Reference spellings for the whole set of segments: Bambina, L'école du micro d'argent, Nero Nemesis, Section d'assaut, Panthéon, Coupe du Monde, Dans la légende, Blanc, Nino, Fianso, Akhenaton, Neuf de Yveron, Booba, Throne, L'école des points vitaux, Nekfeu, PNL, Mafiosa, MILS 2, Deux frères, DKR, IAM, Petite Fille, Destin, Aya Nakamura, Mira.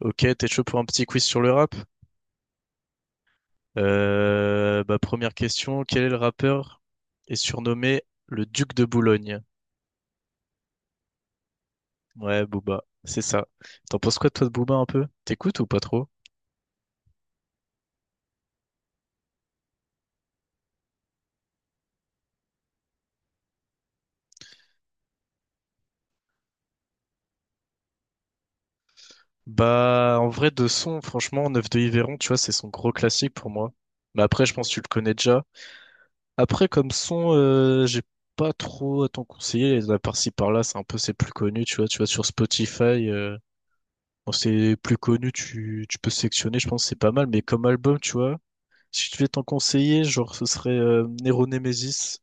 Ok, t'es chaud pour un petit quiz sur le rap? Première question, quel est le rappeur est surnommé le Duc de Boulogne? Ouais, Booba, c'est ça. T'en penses quoi toi de Booba un peu? T'écoutes ou pas trop? Bah en vrai de son, franchement, Neuf de Yveron, tu vois, c'est son gros classique pour moi. Mais après, je pense que tu le connais déjà. Après, comme son, j'ai pas trop à t'en conseiller. À par-ci par-là, c'est un peu ses plus connus, tu vois. Tu vois, sur Spotify, bon, c'est plus connu, tu peux sélectionner, je pense que c'est pas mal. Mais comme album, tu vois. Si je devais t'en conseiller, genre, ce serait Nero Nemesis.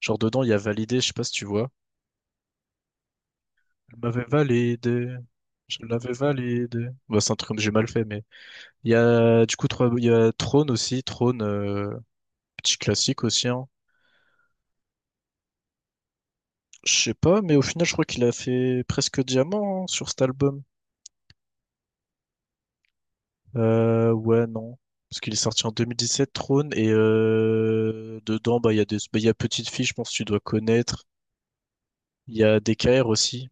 Genre, dedans, il y a validé, je sais pas si tu vois. Elle m'avait validé. Je l'avais validé. Bah, c'est un truc comme j'ai mal fait, mais. Il y a, du coup, il y a Throne aussi. Throne, petit classique aussi, hein. Je sais pas, mais au final, je crois qu'il a fait presque diamant hein, sur cet album. Ouais, non. Parce qu'il est sorti en 2017, Throne, et dedans, il y a des, bah, il y a Petite Fille, je pense que tu dois connaître. Il y a DKR aussi.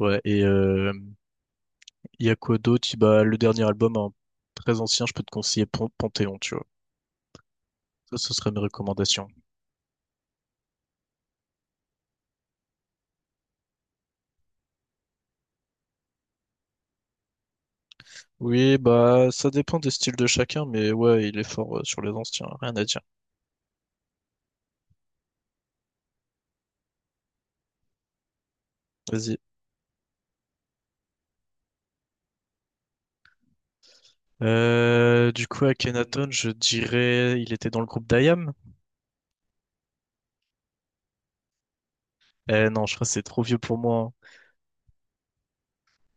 Ouais, et il y a quoi d'autre? Bah, le dernier album, hein, très ancien, je peux te conseiller Panthéon, tu vois. Ça, ce serait mes recommandations. Oui, bah, ça dépend des styles de chacun, mais ouais, il est fort sur les anciens, rien à dire. Vas-y. Du coup, Akhenaton, je dirais, il était dans le groupe d'IAM. Non, je crois que c'est trop vieux pour moi, hein.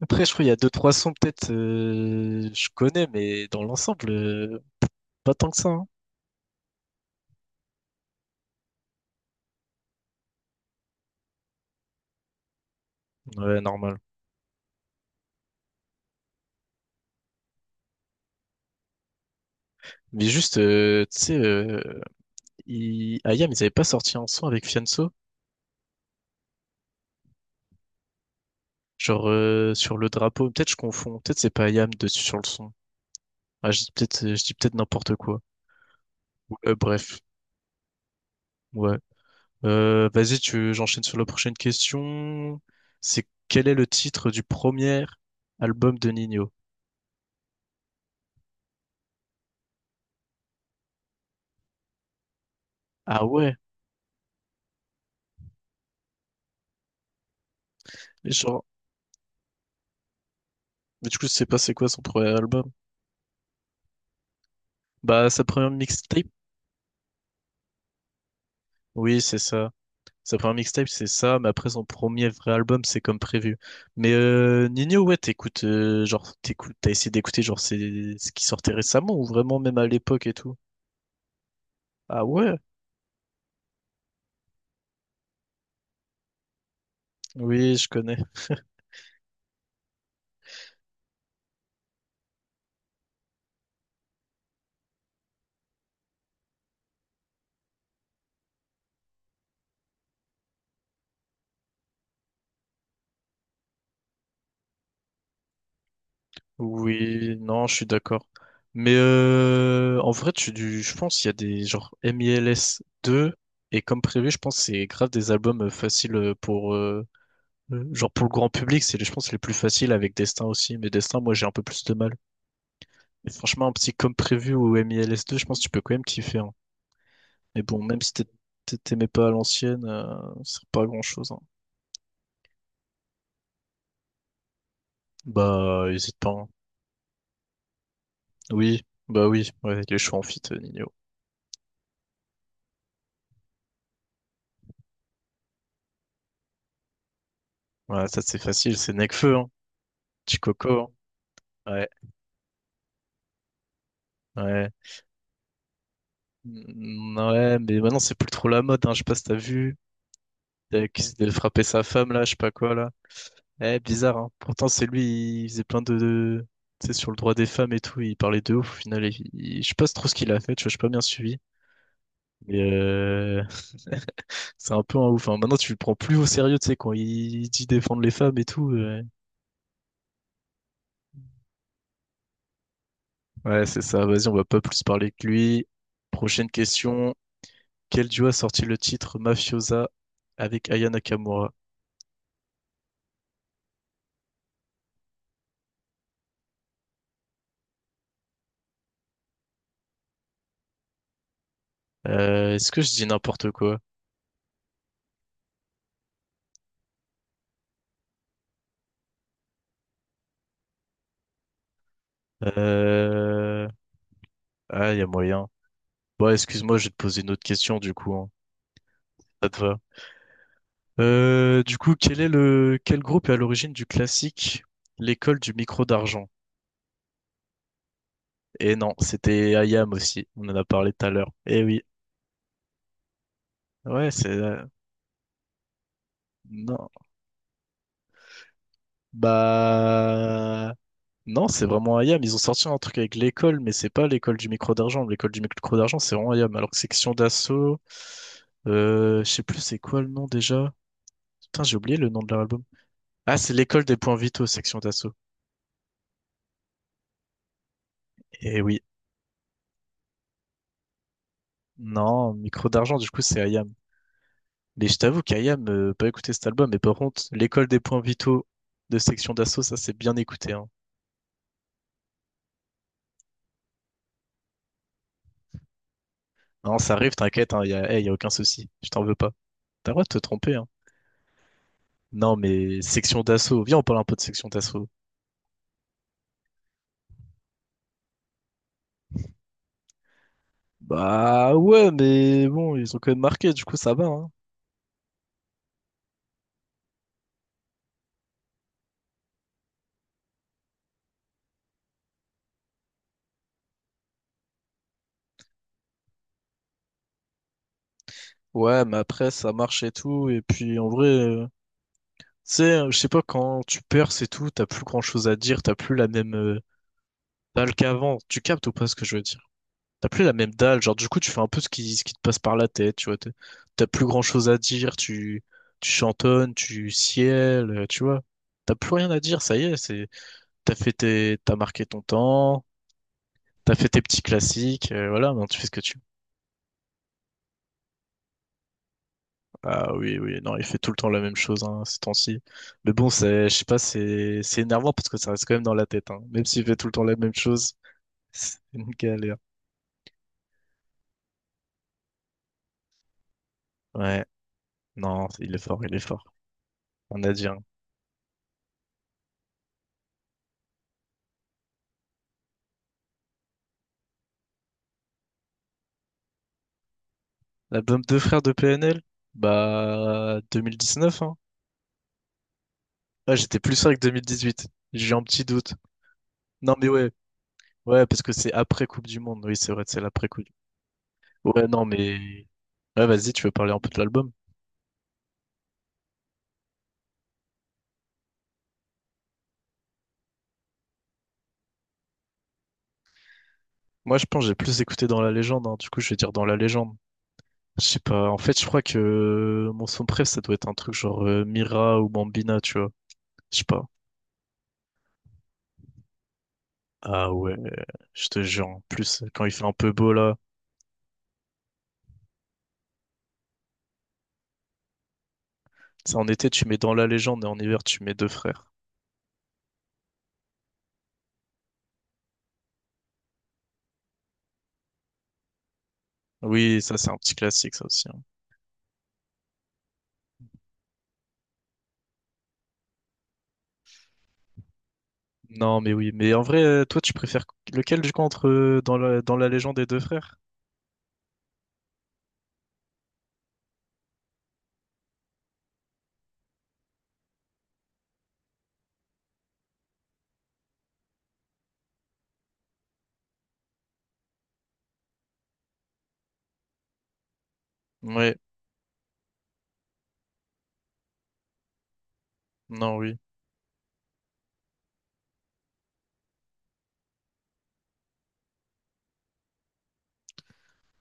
Après, je crois qu'il y a deux, trois sons, peut-être, je connais, mais dans l'ensemble, pas tant que ça, hein. Ouais, normal. Mais juste, Ils... IAM, ils avaient pas sorti un son avec Fianso? Genre sur le drapeau. Peut-être je confonds. Peut-être c'est pas Ayam dessus sur le son. Ah, je dis peut-être n'importe quoi. Ouais, bref. Ouais. Vas-y, tu j'enchaîne sur la prochaine question. C'est quel est le titre du premier album de Nino? Ah ouais, genre mais du coup, je sais pas c'est quoi son premier album. Bah sa première mixtape? Oui, c'est ça. Sa première mixtape, c'est ça, mais après son premier vrai album, c'est comme prévu. Mais Nino, ouais, t'écoutes, t'as essayé d'écouter, genre, c'est ce qui sortait récemment, ou vraiment même à l'époque et tout. Ah ouais? Oui, je connais. Oui, non, je suis d'accord. Mais en vrai, je pense qu'il y a des, genre, MILS 2, et comme prévu, je pense que c'est grave des albums faciles genre, pour le grand public, je pense, les plus faciles avec Destin aussi, mais Destin, moi, j'ai un peu plus de mal. Mais franchement, un petit comme prévu ou mils deux je pense que tu peux quand même kiffer, hein. Mais bon, même si t'aimais pas à l'ancienne, ça pas grand-chose, hein. Bah, hésite pas, hein. Oui, bah oui, ouais, il est en fit, Nino. Ouais, ça c'est facile, c'est Nekfeu, hein. Petit coco, hein. Ouais, ouais. Mm, ouais, mais maintenant c'est plus trop la mode, hein. Je sais pas si t'as vu. Il y a qui ouais. S'était frappé sa femme, là, je sais pas quoi, là. Eh, bizarre, hein. Pourtant, c'est lui, il faisait plein de... Tu sais, sur le droit des femmes et tout, il parlait de ouf, au final. Je sais pas trop ce qu'il a fait, tu vois, j'ai pas bien suivi. Mais euh, c'est un peu un ouf, hein. Maintenant, tu le prends plus au sérieux, tu sais, quand il dit défendre les femmes et tout. Ouais, c'est ça. Vas-y, on va pas plus parler que lui. Prochaine question. Quel duo a sorti le titre Mafiosa avec Aya Nakamura? Est-ce que je dis n'importe quoi? Euh... Ah, il y a moyen. Bon, excuse-moi, je vais te poser une autre question du coup, hein. Ça te va. Quel est le quel groupe est à l'origine du classique L'école du micro d'argent? Et non, c'était Ayam aussi. On en a parlé tout à l'heure. Eh oui. Ouais, c'est... euh, Non. Bah... Non, c'est vraiment Ayam. Ils ont sorti un truc avec l'école, mais c'est pas l'école du micro d'argent. L'école du micro d'argent, c'est vraiment Ayam. Alors que section d'assaut... je sais plus c'est quoi le nom déjà. Putain, j'ai oublié le nom de leur album. Ah, c'est l'école des points vitaux, section d'assaut. Eh oui. Non, micro d'argent, du coup, c'est Ayam. Mais je t'avoue qu'Ayam, pas écouté cet album, mais par contre, l'école des points vitaux de section d'assaut, ça c'est bien écouté, hein. Non, ça arrive, t'inquiète, eh, y a aucun souci. Je t'en veux pas. T'as le droit de te tromper, hein. Non, mais section d'assaut. Viens, on parle un peu de section d'assaut. Bah ouais, mais bon, ils ont quand même marqué, du coup ça va, hein. Ouais, mais après ça marche et tout, et puis en vrai, je sais pas, quand tu perds et tout, t'as plus grand chose à dire, t'as plus la même dalle qu'avant. Tu captes ou pas ce que je veux dire? T'as plus la même dalle, genre du coup tu fais un peu ce qui te passe par la tête, tu vois. T'as plus grand chose à dire, tu chantonnes, tu ciels, tu vois. T'as plus rien à dire, ça y est, c'est, t'as fait tes, t'as marqué ton temps, t'as fait tes petits classiques, voilà, maintenant tu fais ce que tu. Ah oui, oui, non, il fait tout le temps la même chose, hein, ces temps-ci. Mais bon, c'est, je sais pas, c'est énervant parce que ça reste quand même dans la tête, hein. Même s'il fait tout le temps la même chose, c'est une galère. Ouais, non, il est fort, il est fort. On a dit, hein. L'album Deux frères de PNL? Bah, 2019, hein. Ouais, j'étais plus sûr que 2018. J'ai un petit doute. Non, mais ouais. Ouais, parce que c'est après Coupe du Monde. Oui, c'est vrai, c'est l'après Coupe du Monde. Ouais, non, mais... Ouais, vas-y, tu veux parler un peu de l'album? Moi, je pense que j'ai plus écouté dans la légende, hein. Du coup, je vais dire dans la légende. Je sais pas. En fait, je crois que mon son préf, ça doit être un truc genre Mira ou Bambina, tu vois. Je sais pas. Ah ouais, je te jure. En plus, quand il fait un peu beau, là. Ça, en été, tu mets dans la légende et en hiver, tu mets deux frères. Oui, ça c'est un petit classique ça aussi, hein. Non, mais oui, mais en vrai, toi tu préfères lequel du coup entre dans la légende des deux frères? Ouais, non, oui.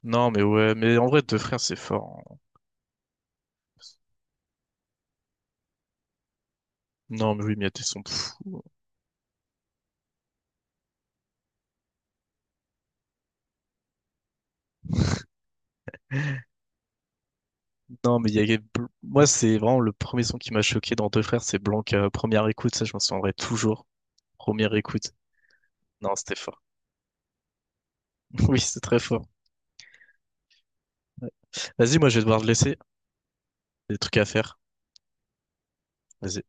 Non, mais ouais, mais en vrai, deux frères c'est fort, hein. Non, mais oui, Miette et son fou. Non, mais il y a... moi c'est vraiment le premier son qui m'a choqué dans deux frères, c'est Blanc première écoute, ça je m'en souviendrai toujours. Première écoute. Non, c'était fort. Oui, c'est très fort. Vas-y, moi, je vais devoir te laisser. Des trucs à faire. Vas-y.